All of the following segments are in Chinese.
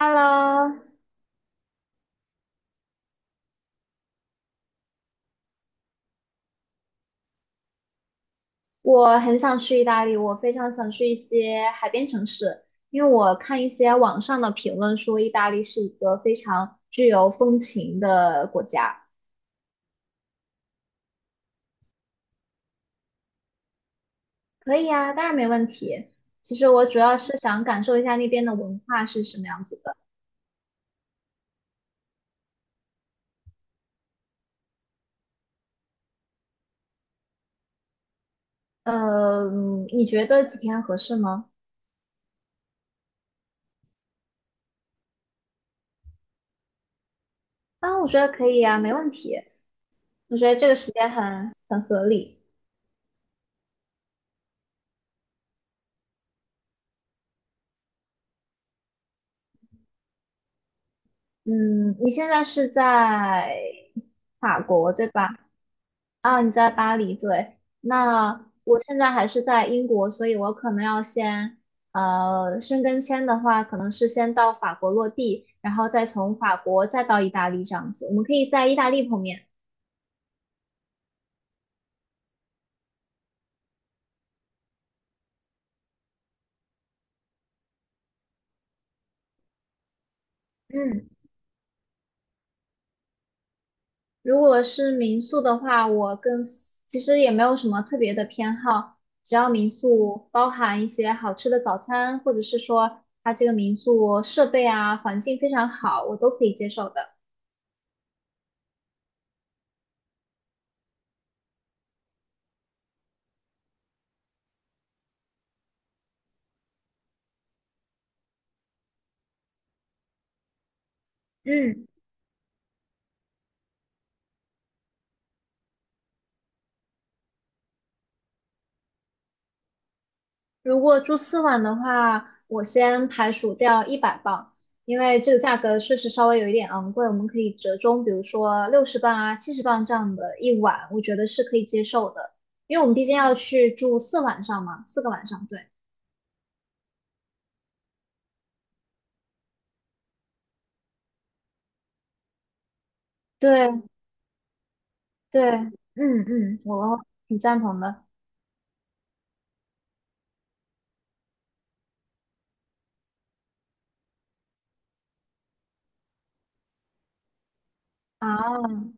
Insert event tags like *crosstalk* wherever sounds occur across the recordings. Hello，我很想去意大利，我非常想去一些海边城市，因为我看一些网上的评论说意大利是一个非常具有风情的国家。可以啊，当然没问题。其实我主要是想感受一下那边的文化是什么样子的。嗯你觉得几天合适吗？啊，我觉得可以啊，没问题。我觉得这个时间很合理。嗯，你现在是在法国，对吧？啊，你在巴黎，对。那我现在还是在英国，所以我可能要先，申根签的话，可能是先到法国落地，然后再从法国再到意大利这样子。我们可以在意大利碰面。嗯，如果是民宿的话，我更喜其实也没有什么特别的偏好，只要民宿包含一些好吃的早餐，或者是说它这个民宿设备啊、环境非常好，我都可以接受的。嗯。如果住四晚的话，我先排除掉100磅，因为这个价格确实稍微有一点昂贵，我们可以折中，比如说60磅啊、70磅这样的一晚，我觉得是可以接受的，因为我们毕竟要去住四晚上嘛，四个晚上，对对对，嗯嗯，我挺赞同的啊。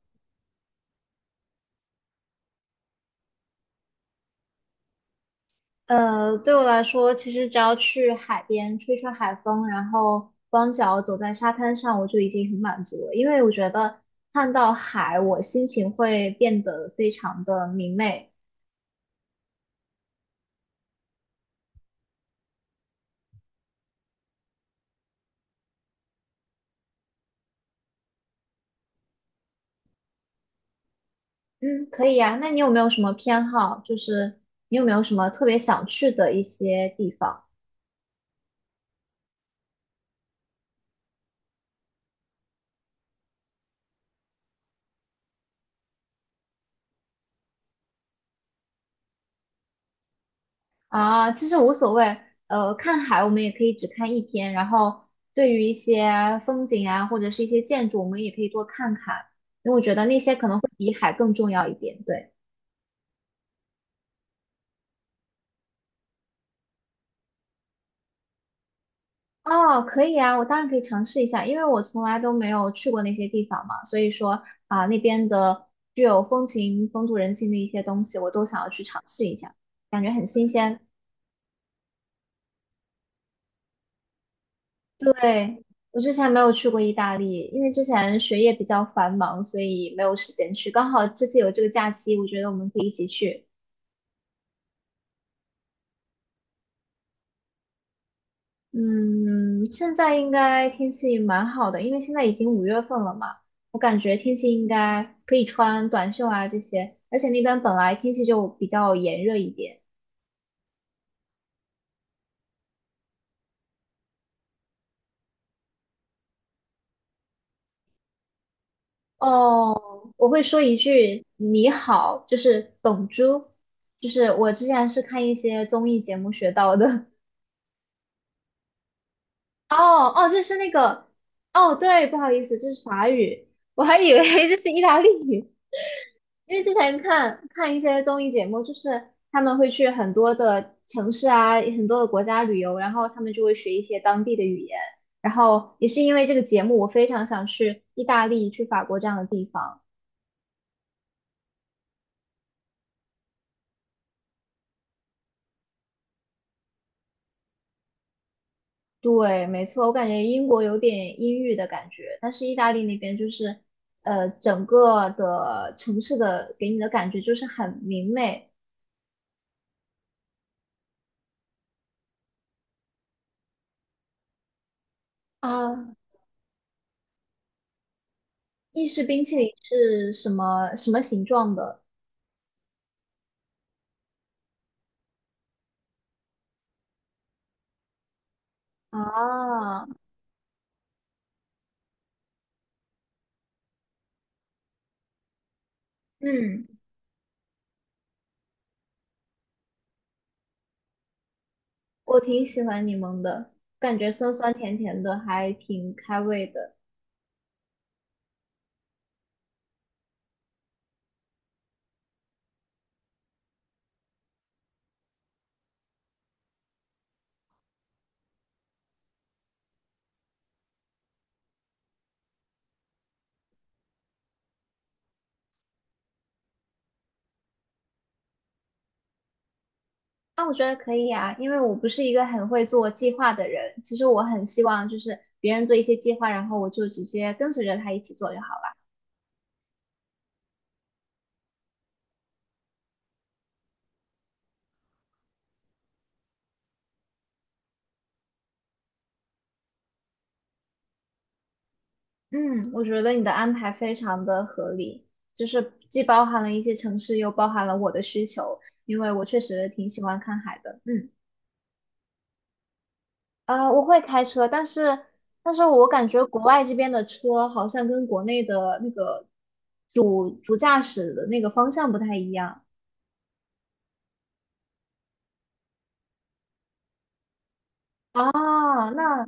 对我来说，其实只要去海边吹吹海风，然后光脚走在沙滩上，我就已经很满足了。因为我觉得看到海，我心情会变得非常的明媚。嗯，可以呀。那你有没有什么偏好？就是你有没有什么特别想去的一些地方？啊，其实无所谓。看海我们也可以只看一天，然后对于一些风景啊，或者是一些建筑，我们也可以多看看，因为我觉得那些可能会比海更重要一点。对，哦，可以啊，我当然可以尝试一下，因为我从来都没有去过那些地方嘛，所以说啊，那边的具有风情、风土人情的一些东西，我都想要去尝试一下，感觉很新鲜。对，我之前没有去过意大利，因为之前学业比较繁忙，所以没有时间去。刚好这次有这个假期，我觉得我们可以一起去。嗯，现在应该天气蛮好的，因为现在已经五月份了嘛，我感觉天气应该可以穿短袖啊这些，而且那边本来天气就比较炎热一点。哦，我会说一句你好，就是 b o 就是我之前是看一些综艺节目学到的。哦哦，就是那个，哦对，不好意思，这是法语，我还以为 *laughs* 这是意大利语，因为之前看一些综艺节目，就是他们会去很多的城市啊，很多的国家旅游，然后他们就会学一些当地的语言，然后也是因为这个节目，我非常想去意大利、去法国这样的地方。对，没错，我感觉英国有点阴郁的感觉，但是意大利那边就是，整个的城市的给你的感觉就是很明媚。啊，意式冰淇淋是什么形状的？啊，嗯，我挺喜欢柠檬的，感觉酸酸甜甜的，还挺开胃的。那我觉得可以啊，因为我不是一个很会做计划的人，其实我很希望就是别人做一些计划，然后我就直接跟随着他一起做就好了。嗯，我觉得你的安排非常的合理，就是既包含了一些城市，又包含了我的需求，因为我确实挺喜欢看海的。嗯。啊，我会开车，但是但是我感觉国外这边的车好像跟国内的那个主驾驶的那个方向不太一样啊。那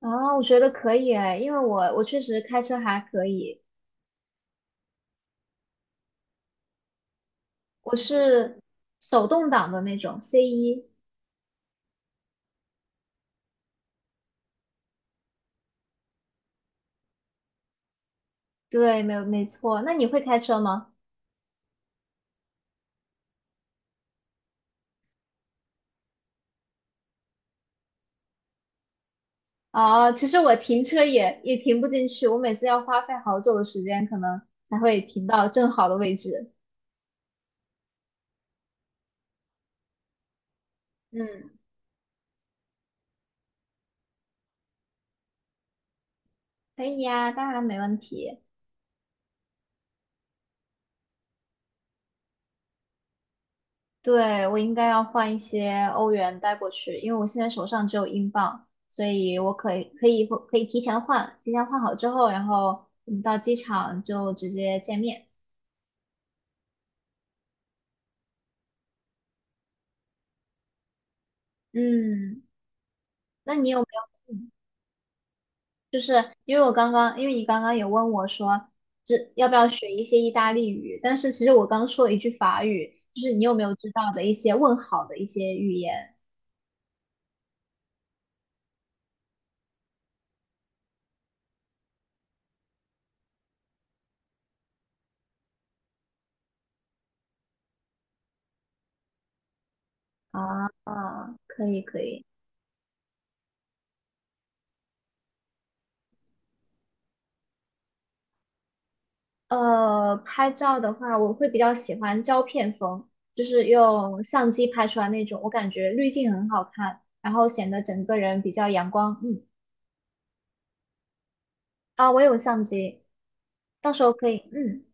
啊，我觉得可以哎，因为我确实开车还可以，我是手动挡的那种 C1。对，没错。那你会开车吗？啊，其实我停车也停不进去，我每次要花费好久的时间，可能才会停到正好的位置。嗯，可以呀，当然没问题。对，我应该要换一些欧元带过去，因为我现在手上只有英镑，所以我可以提前换，提前换好之后，然后我们到机场就直接见面。嗯，那你有没有？嗯就是因为我刚刚，因为你刚刚有问我说，这要不要学一些意大利语？但是其实我刚说了一句法语，就是你有没有知道的一些问好的一些语言啊？啊可以可以。拍照的话，我会比较喜欢胶片风，就是用相机拍出来那种，我感觉滤镜很好看，然后显得整个人比较阳光。嗯，啊，我有相机，到时候可以。嗯，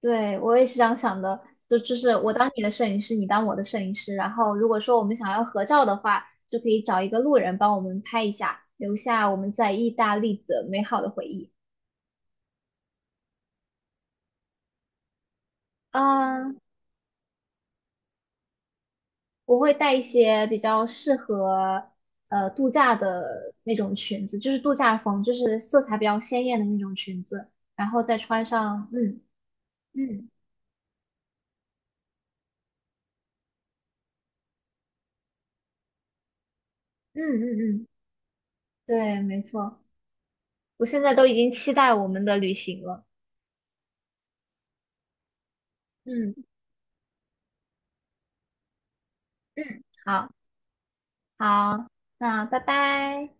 对，我也是这样想的，就是我当你的摄影师，你当我的摄影师，然后如果说我们想要合照的话，就可以找一个路人帮我们拍一下，留下我们在意大利的美好的回忆。啊我会带一些比较适合度假的那种裙子，就是度假风，就是色彩比较鲜艳的那种裙子，然后再穿上，嗯嗯嗯嗯嗯，对，没错，我现在都已经期待我们的旅行了，嗯嗯，好好，那拜拜。